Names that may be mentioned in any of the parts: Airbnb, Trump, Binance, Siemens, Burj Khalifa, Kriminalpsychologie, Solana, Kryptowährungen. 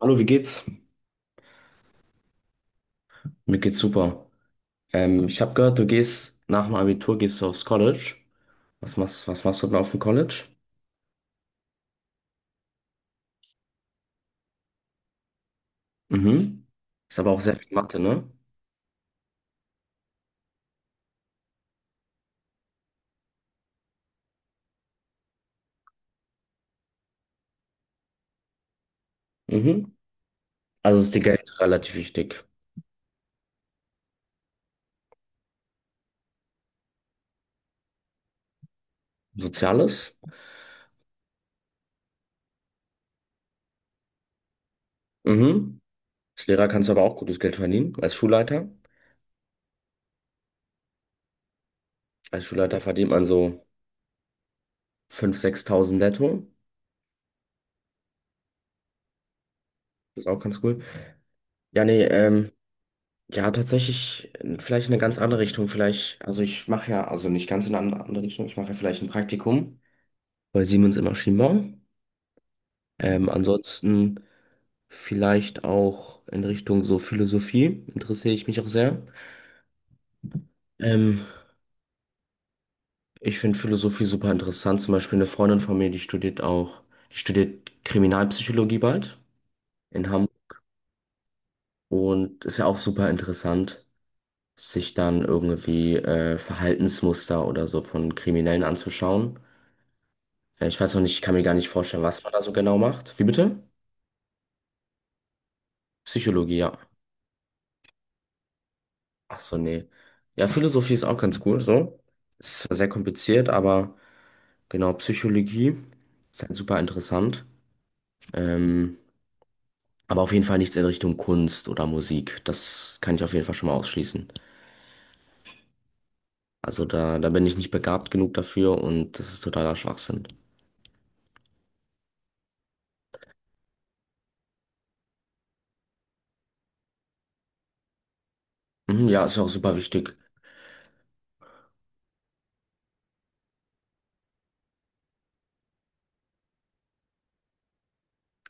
Hallo, wie geht's? Mir geht's super. Ich habe gehört, du gehst nach dem Abitur gehst du aufs College. Was machst du denn auf dem College? Mhm. Ist aber auch sehr viel Mathe, ne? Mhm. Also ist dir Geld relativ wichtig. Soziales? Mhm. Als Lehrer kannst du aber auch gutes Geld verdienen. Als Schulleiter? Als Schulleiter verdient man so 5.000, 6.000 netto. Das ist auch ganz cool. Ja, nee, ja, tatsächlich, vielleicht in eine ganz andere Richtung. Vielleicht, also ich mache ja, also nicht ganz in eine andere Richtung, ich mache ja vielleicht ein Praktikum bei Siemens in Maschinenbau. Mhm. Ansonsten vielleicht auch in Richtung so Philosophie interessiere ich mich auch sehr. Ähm, Ich finde Philosophie super interessant. Zum Beispiel eine Freundin von mir, die studiert auch, die studiert Kriminalpsychologie bald in Hamburg und ist ja auch super interessant, sich dann irgendwie Verhaltensmuster oder so von Kriminellen anzuschauen. Ich weiß noch nicht, ich kann mir gar nicht vorstellen, was man da so genau macht. Wie bitte? Psychologie, ja. Ach so, nee. Ja, Philosophie ist auch ganz cool, so. Ist zwar sehr kompliziert, aber genau, Psychologie ist halt super interessant. Ähm, aber auf jeden Fall nichts in Richtung Kunst oder Musik. Das kann ich auf jeden Fall schon mal ausschließen. Also da bin ich nicht begabt genug dafür und das ist totaler Schwachsinn. Mhm, ja, ist ja auch super wichtig.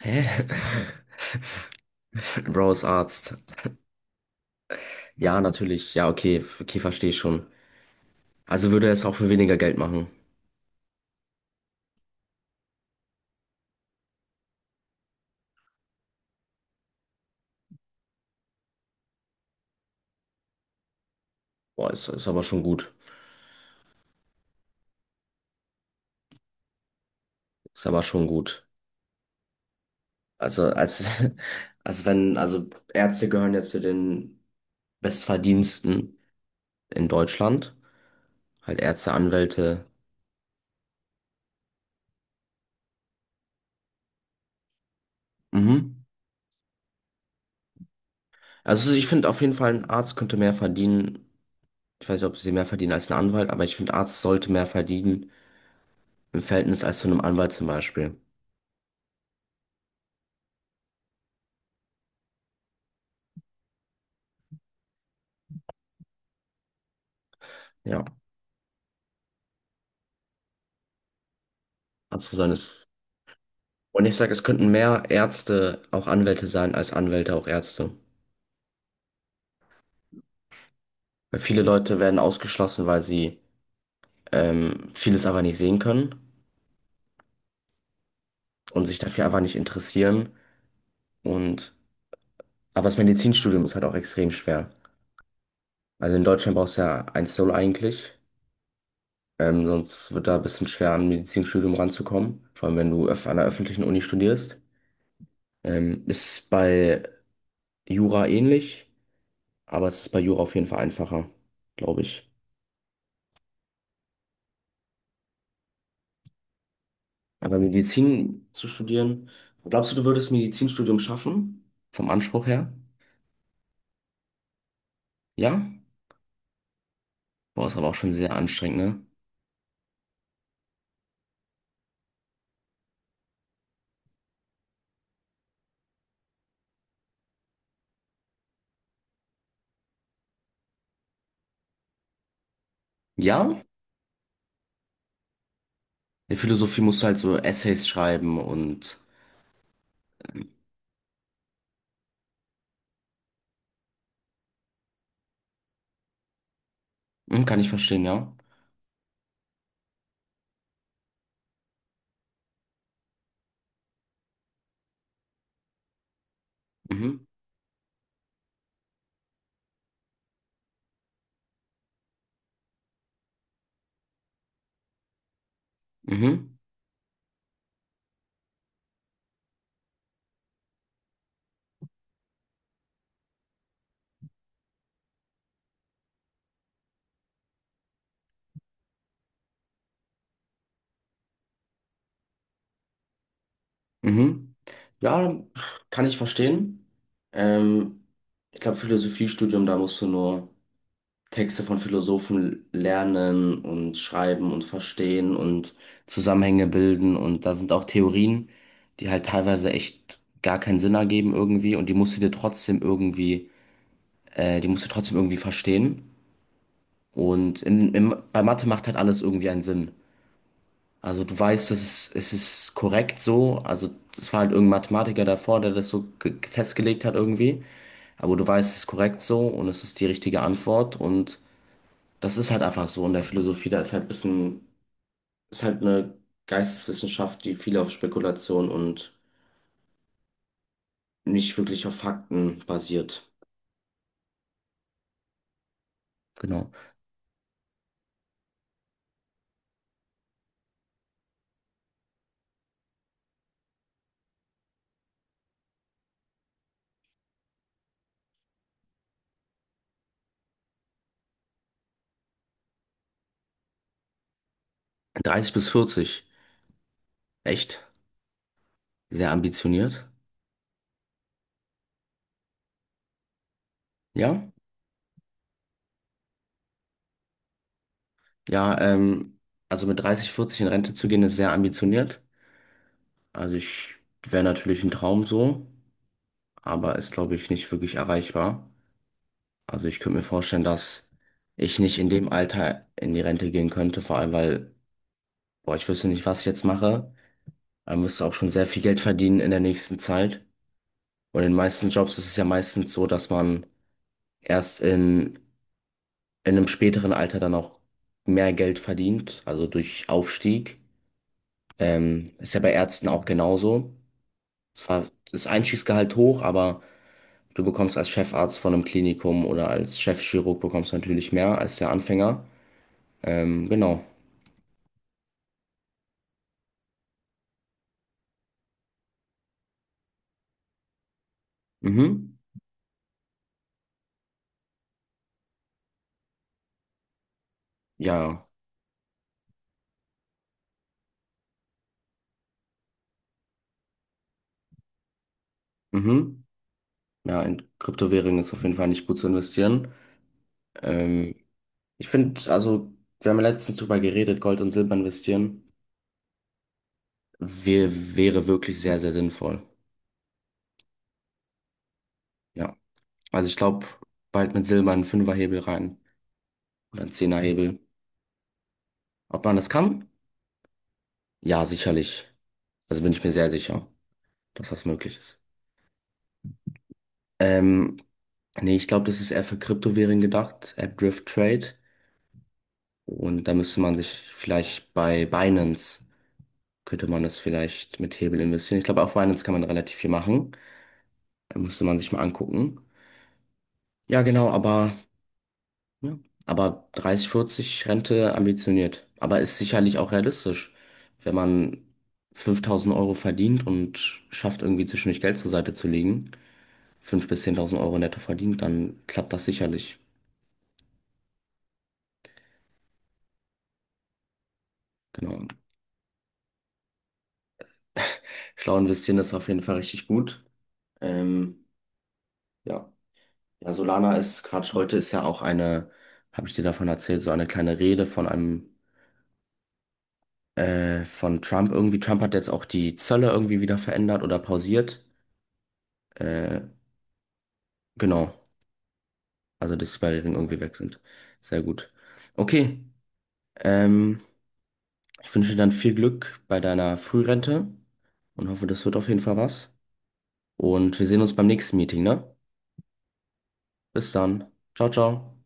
Hä? Bro ist Arzt. Ja, natürlich. Ja, okay, okay, verstehe ich schon. Also würde er es auch für weniger Geld machen. Boah, ist aber schon gut. Ist aber schon gut. Also als, als wenn, also Ärzte gehören ja zu den Bestverdiensten in Deutschland. Halt Ärzte, Anwälte. Mhm. Also ich finde auf jeden Fall, ein Arzt könnte mehr verdienen. Ich weiß nicht, ob sie mehr verdienen als ein Anwalt, aber ich finde, Arzt sollte mehr verdienen im Verhältnis als zu einem Anwalt zum Beispiel. Ja, Arzt zu sein ist. Und ich sage, es könnten mehr Ärzte auch Anwälte sein, als Anwälte auch Ärzte. Weil viele Leute werden ausgeschlossen, weil sie vieles aber nicht sehen können und sich dafür einfach nicht interessieren. Und, aber das Medizinstudium ist halt auch extrem schwer. Also in Deutschland brauchst du ja 1,0 eigentlich. Sonst wird da ein bisschen schwer, an ein Medizinstudium ranzukommen. Vor allem, wenn du an einer öffentlichen Uni studierst. Ist bei Jura ähnlich, aber es ist bei Jura auf jeden Fall einfacher, glaube ich. Aber Medizin zu studieren, glaubst du, du würdest Medizinstudium schaffen? Vom Anspruch her? Ja? Boah, ist aber auch schon sehr anstrengend, ne? Ja? In Philosophie musst du halt so Essays schreiben und. Mhm, kann ich verstehen, ja. Mhm, mhm, mhm. Ja, kann ich verstehen. Ähm, Ich glaube, Philosophiestudium, da musst du nur Texte von Philosophen lernen und schreiben und verstehen und Zusammenhänge bilden. Und da sind auch Theorien, die halt teilweise echt gar keinen Sinn ergeben irgendwie. Und die musst du dir trotzdem irgendwie, die musst du trotzdem irgendwie verstehen. Und bei Mathe macht halt alles irgendwie einen Sinn. Also du weißt, es ist korrekt so. Also es war halt irgendein Mathematiker davor, der das so festgelegt hat irgendwie. Aber du weißt, es ist korrekt so und es ist die richtige Antwort. Und das ist halt einfach so. In der Philosophie, da ist halt ist halt eine Geisteswissenschaft, die viel auf Spekulation und nicht wirklich auf Fakten basiert. Genau. 30 bis 40. Echt sehr ambitioniert. Ja? Ja, also mit 30, 40 in Rente zu gehen, ist sehr ambitioniert. Also ich wäre natürlich ein Traum so, aber ist, glaube ich, nicht wirklich erreichbar. Also ich könnte mir vorstellen, dass ich nicht in dem Alter in die Rente gehen könnte, vor allem weil, boah, ich wüsste nicht, was ich jetzt mache. Man müsste auch schon sehr viel Geld verdienen in der nächsten Zeit. Und in den meisten Jobs ist es ja meistens so, dass man erst in einem späteren Alter dann auch mehr Geld verdient, also durch Aufstieg. Ist ja bei Ärzten auch genauso. Zwar ist Einstiegsgehalt hoch, aber du bekommst als Chefarzt von einem Klinikum oder als Chefchirurg bekommst du natürlich mehr als der Anfänger. Genau. Mhm. Ja. Ja. Mhm. Ja, in Kryptowährungen ist auf jeden Fall nicht gut zu investieren. Ähm, Ich finde, also, wir haben ja letztens drüber geredet, Gold und Silber investieren wär, wäre wirklich sehr, sehr sinnvoll. Ja. Also ich glaube, bald mit Silber einen Fünferhebel rein oder einen Zehnerhebel. Ob man das kann? Ja, sicherlich. Also bin ich mir sehr sicher, dass das möglich ist. Ähm, Nee, ich glaube, das ist eher für Kryptowährungen gedacht, App Drift Trade. Und da müsste man sich vielleicht bei Binance, könnte man das vielleicht mit Hebel investieren. Ich glaube, auf Binance kann man relativ viel machen. Da müsste man sich mal angucken. Ja, genau, aber, ja, aber 30, 40 Rente ambitioniert. Aber ist sicherlich auch realistisch, wenn man 5000 Euro verdient und schafft, irgendwie zwischendurch Geld zur Seite zu legen, 5.000 bis 10.000 Euro netto verdient, dann klappt das sicherlich. Genau. Schlau investieren ist auf jeden Fall richtig gut. Ähm, ja. Ja, Solana ist Quatsch. Heute ist ja auch eine, habe ich dir davon erzählt, so eine kleine Rede von einem, von Trump irgendwie. Trump hat jetzt auch die Zölle irgendwie wieder verändert oder pausiert. Äh, genau. Also, dass die Barrieren irgendwie weg sind. Sehr gut. Okay. Ähm, Ich wünsche dir dann viel Glück bei deiner Frührente und hoffe, das wird auf jeden Fall was. Und wir sehen uns beim nächsten Meeting, ne? Bis dann. Ciao, ciao.